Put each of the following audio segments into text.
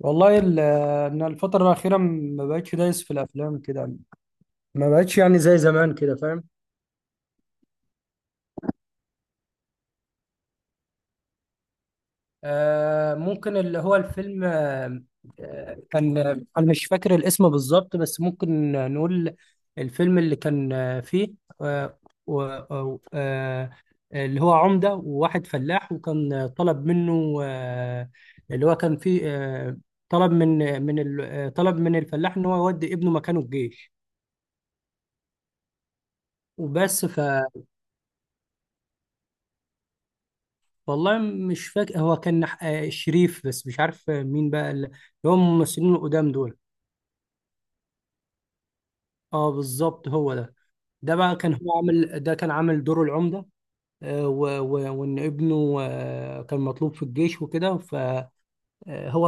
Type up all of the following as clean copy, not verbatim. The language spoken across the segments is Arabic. والله ان الفتره الاخيره ما بقتش دايس في الافلام كده. ما بقتش يعني زي زمان كده، فاهم؟ آه، ممكن اللي هو الفيلم، كان انا مش فاكر الاسم بالظبط، بس ممكن نقول الفيلم اللي كان، فيه آه و أو- آه اللي هو عمده وواحد فلاح، وكان طلب منه، اللي هو كان فيه، طلب من طلب من الفلاح ان هو يودي ابنه مكانه الجيش. وبس. والله مش فاكر، هو كان شريف، بس مش عارف مين بقى اللي هم الممثلين القدام دول. اه بالظبط، هو ده. ده بقى كان هو عامل ده كان عامل دوره العمدة. و- و- وان ابنه كان مطلوب في الجيش وكده، فهو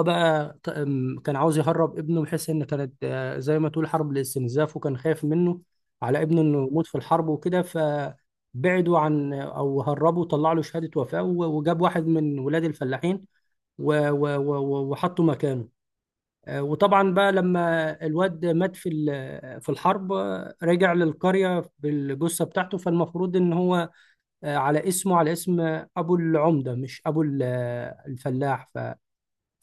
بقى ط- آم، كان عاوز يهرب ابنه، بحيث ان كانت زي ما تقول حرب الاستنزاف، وكان خايف منه على ابنه انه يموت في الحرب وكده، فبعدوا عن او هربوا، طلع له شهادة وفاة، وجاب واحد من ولاد الفلاحين وحطه مكانه. وطبعا بقى لما الواد مات في الحرب، رجع للقرية بالجثة بتاعته. فالمفروض ان هو، على اسمه، على اسم ابو العمدة، مش ابو الفلاح.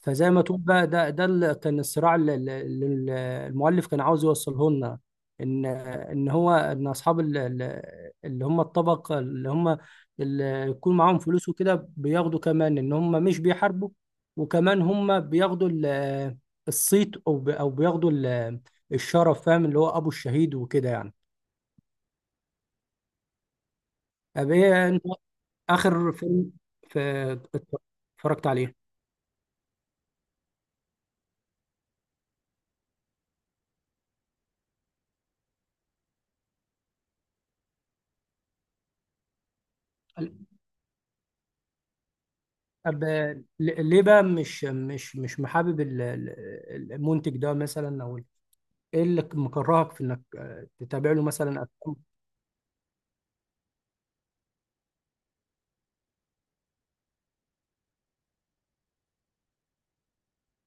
فزي ما تقول بقى، ده اللي كان الصراع اللي المؤلف كان عاوز يوصله لنا، ان اصحاب اللي هم الطبق، اللي هم اللي يكون معاهم فلوس وكده، بياخدوا كمان ان هم مش بيحاربوا، وكمان هم بياخدوا الصيت، او بياخدوا الشرف، فاهم؟ اللي هو ابو الشهيد وكده يعني. طب ايه انت اخر فيلم ف- اتفرجت عليه؟ طب ليه بقى مش محابب المنتج ده مثلا، او ايه اللي مكرهك في انك تتابع له مثلا افلام؟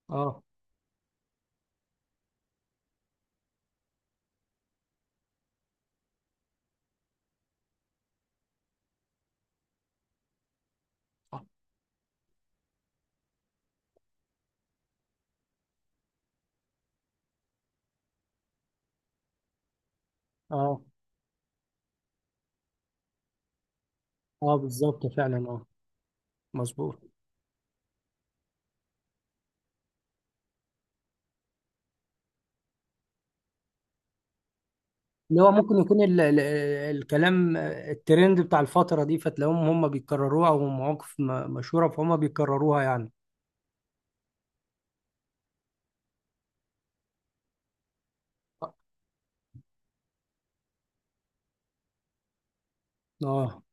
اه، اه، اه، بالظبط فعلا، اه، مظبوط. اللي هو ممكن يكون ال الكلام، الترند بتاع الفترة دي، فتلاقيهم هم بيكرروها، او مواقف مشهورة فهم بيكرروها يعني. اه،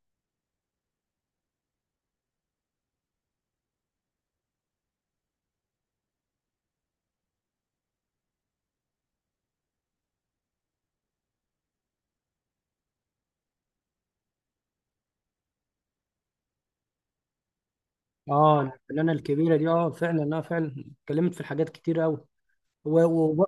اه، الفنانة الكبيرة دي، اه فعلا، اه فعلا اتكلمت في الحاجات كتير قوي. و... و...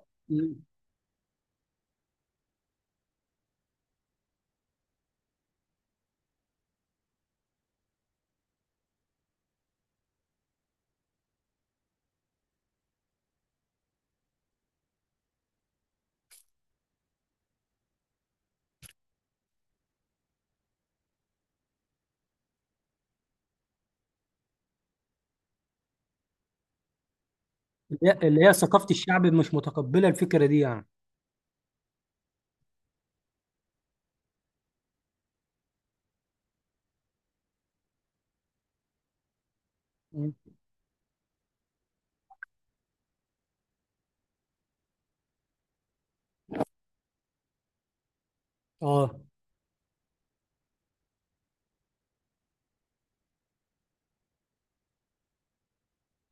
اللي هي ثقافة الشعب مش متقبلة الفكرة دي يعني. مم. اه،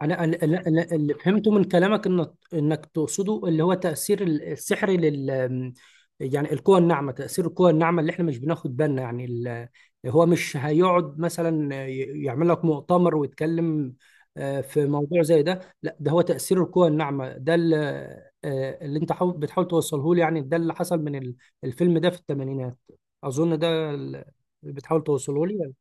انا أنا اللي فهمته من كلامك ان انك تقصده اللي هو تاثير السحر لل، يعني القوى الناعمه، تاثير القوى الناعمه اللي احنا مش بناخد بالنا يعني. ال... هو مش هيقعد مثلا يعمل لك مؤتمر ويتكلم في موضوع زي ده، لا، ده هو تاثير القوى الناعمه، ده اللي اللي انت بتحاول توصله لي يعني، ده اللي حصل من الفيلم ده في الثمانينات، اظن ده اللي بتحاول توصله لي.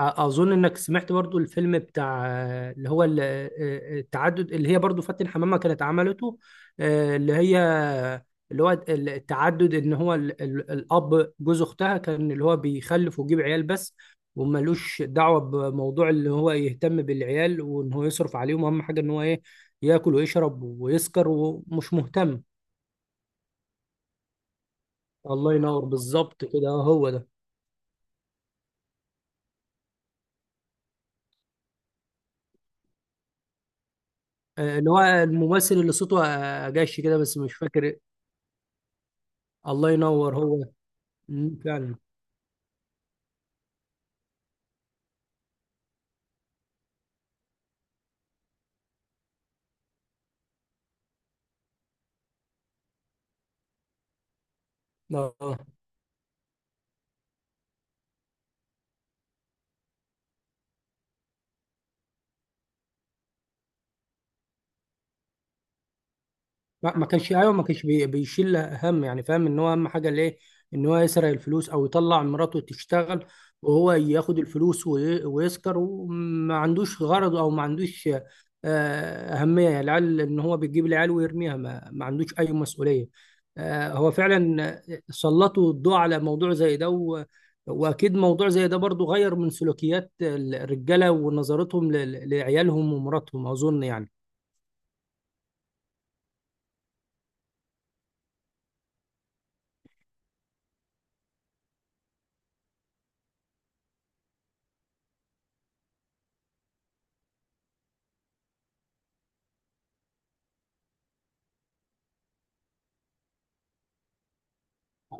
اظن انك سمعت برضو الفيلم بتاع آه، اللي هو ال- آه، آه، التعدد، اللي هي برضو فاتن حمامة كانت عملته، آه، اللي هي اللي هو التعدد، ان هو الاب جوز اختها، كان اللي هو بيخلف ويجيب عيال بس، وملوش دعوة بموضوع اللي هو يهتم بالعيال، وان هو يصرف عليهم. اهم حاجة ان هو ايه، ياكل ويشرب ويسكر ومش مهتم. الله ينور، بالظبط كده، هو ده. اللي هو الممثل اللي صوته جاش كده، بس مش فاكر. الله ينور هو. مم، فعلا. اه، ما كانش، ايوه ما كانش بيشيل هم يعني، فاهم؟ ان هو اهم حاجه ليه ان هو يسرق الفلوس، او يطلع مراته تشتغل، وهو ياخد الفلوس ويسكر، وما عندوش غرض او ما عندوش اهميه العيال، ان هو بيجيب العيال ويرميها، ما ما عندوش اي مسؤوليه. هو فعلا سلطوا الضوء على موضوع زي ده، و- واكيد موضوع زي ده برضو غير من سلوكيات الرجاله ونظرتهم لعيالهم ومراتهم، اظن يعني.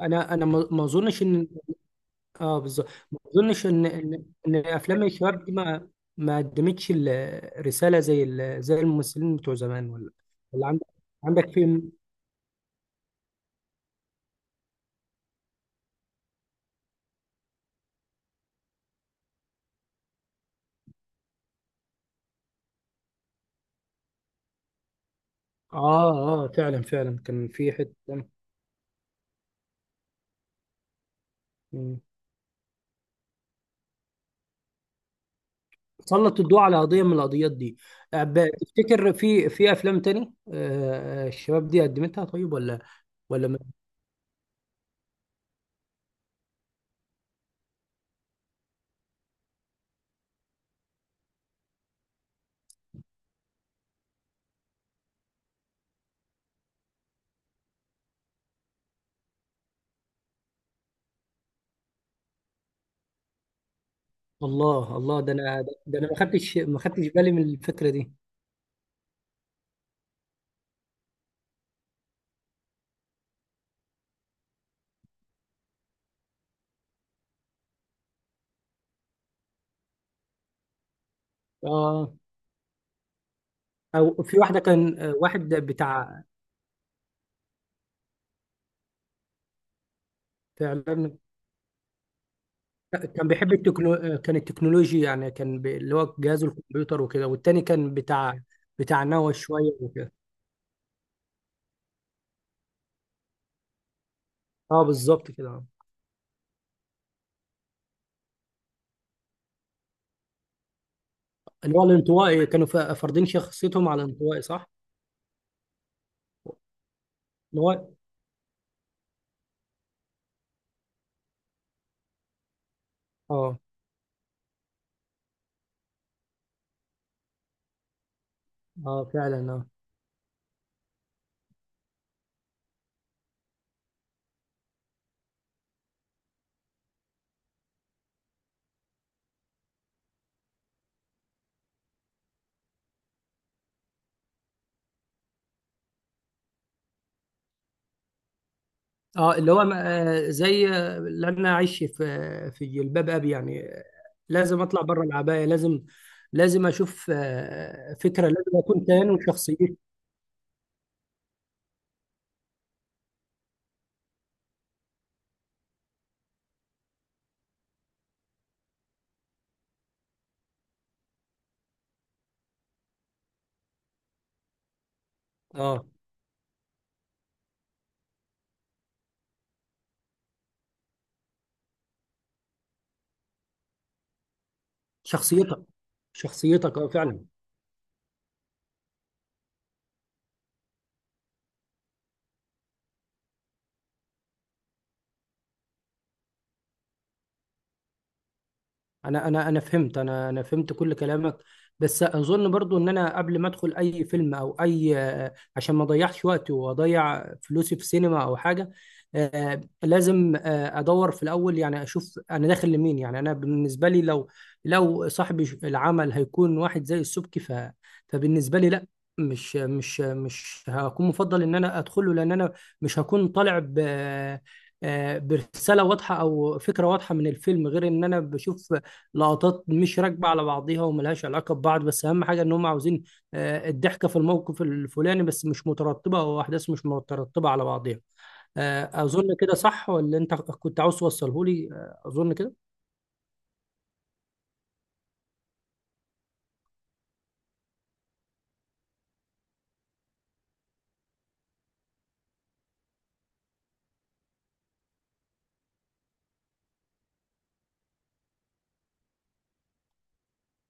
انا ما اظنش ان، اه بالظبط، ما اظنش ان ان افلام الشباب دي ما ما قدمتش الرساله زي ال... زي الممثلين بتوع زمان، ولا ولا عندك، عندك فيلم؟ اه، اه فعلا، فعلا كان في حته. مم. سلط الضوء على قضيه من القضيات دي. تفتكر في في افلام تاني الشباب دي قدمتها، طيب؟ ولا ولا ما- الله الله، ده انا، ده انا ما خدتش بالي من الفكره دي. اه، او في واحده كان واحد بتاع. فعلا كان بيحب التكنو، كان التكنولوجيا يعني، كان، ب... اللي هو جهاز الكمبيوتر وكده، والتاني كان بتاع، بتاع نوى شويه وكده. اه بالظبط كده. اللي هو الانطوائي، كانوا فارضين شخصيتهم على الانطوائي، صح؟ اللي هو، اه، اه فعلا، اه، اه اللي هو ما، زي اللي انا عايش في في جلباب ابي يعني، لازم اطلع بره العبايه، لازم، لازم اشوف آه فكره، لازم اكون كيان وشخصيتي. اه، شخصيتك، شخصيتك، اه فعلا. انا فهمت كل كلامك، بس اظن برضو ان انا قبل ما ادخل اي فيلم او اي، عشان ما اضيعش وقتي واضيع فلوسي في سينما او حاجه، لازم ادور في الاول، يعني اشوف انا داخل لمين. يعني انا بالنسبه لي، لو لو صاحب العمل هيكون واحد زي السبكي، ف فبالنسبه لي لا، مش هكون مفضل ان انا ادخله، لان انا مش هكون طالع ب آه، آه، برساله واضحه او فكره واضحه من الفيلم، غير ان انا بشوف لقطات مش راكبه على بعضيها، وملهاش علاقه ببعض، بس اهم حاجه ان هم عاوزين الضحكه في الموقف الفلاني، بس مش مترتبه، او احداث مش مترتبه على بعضيها. اظن كده صح، ولا انت كنت عاوز توصله لي؟ اظن كده.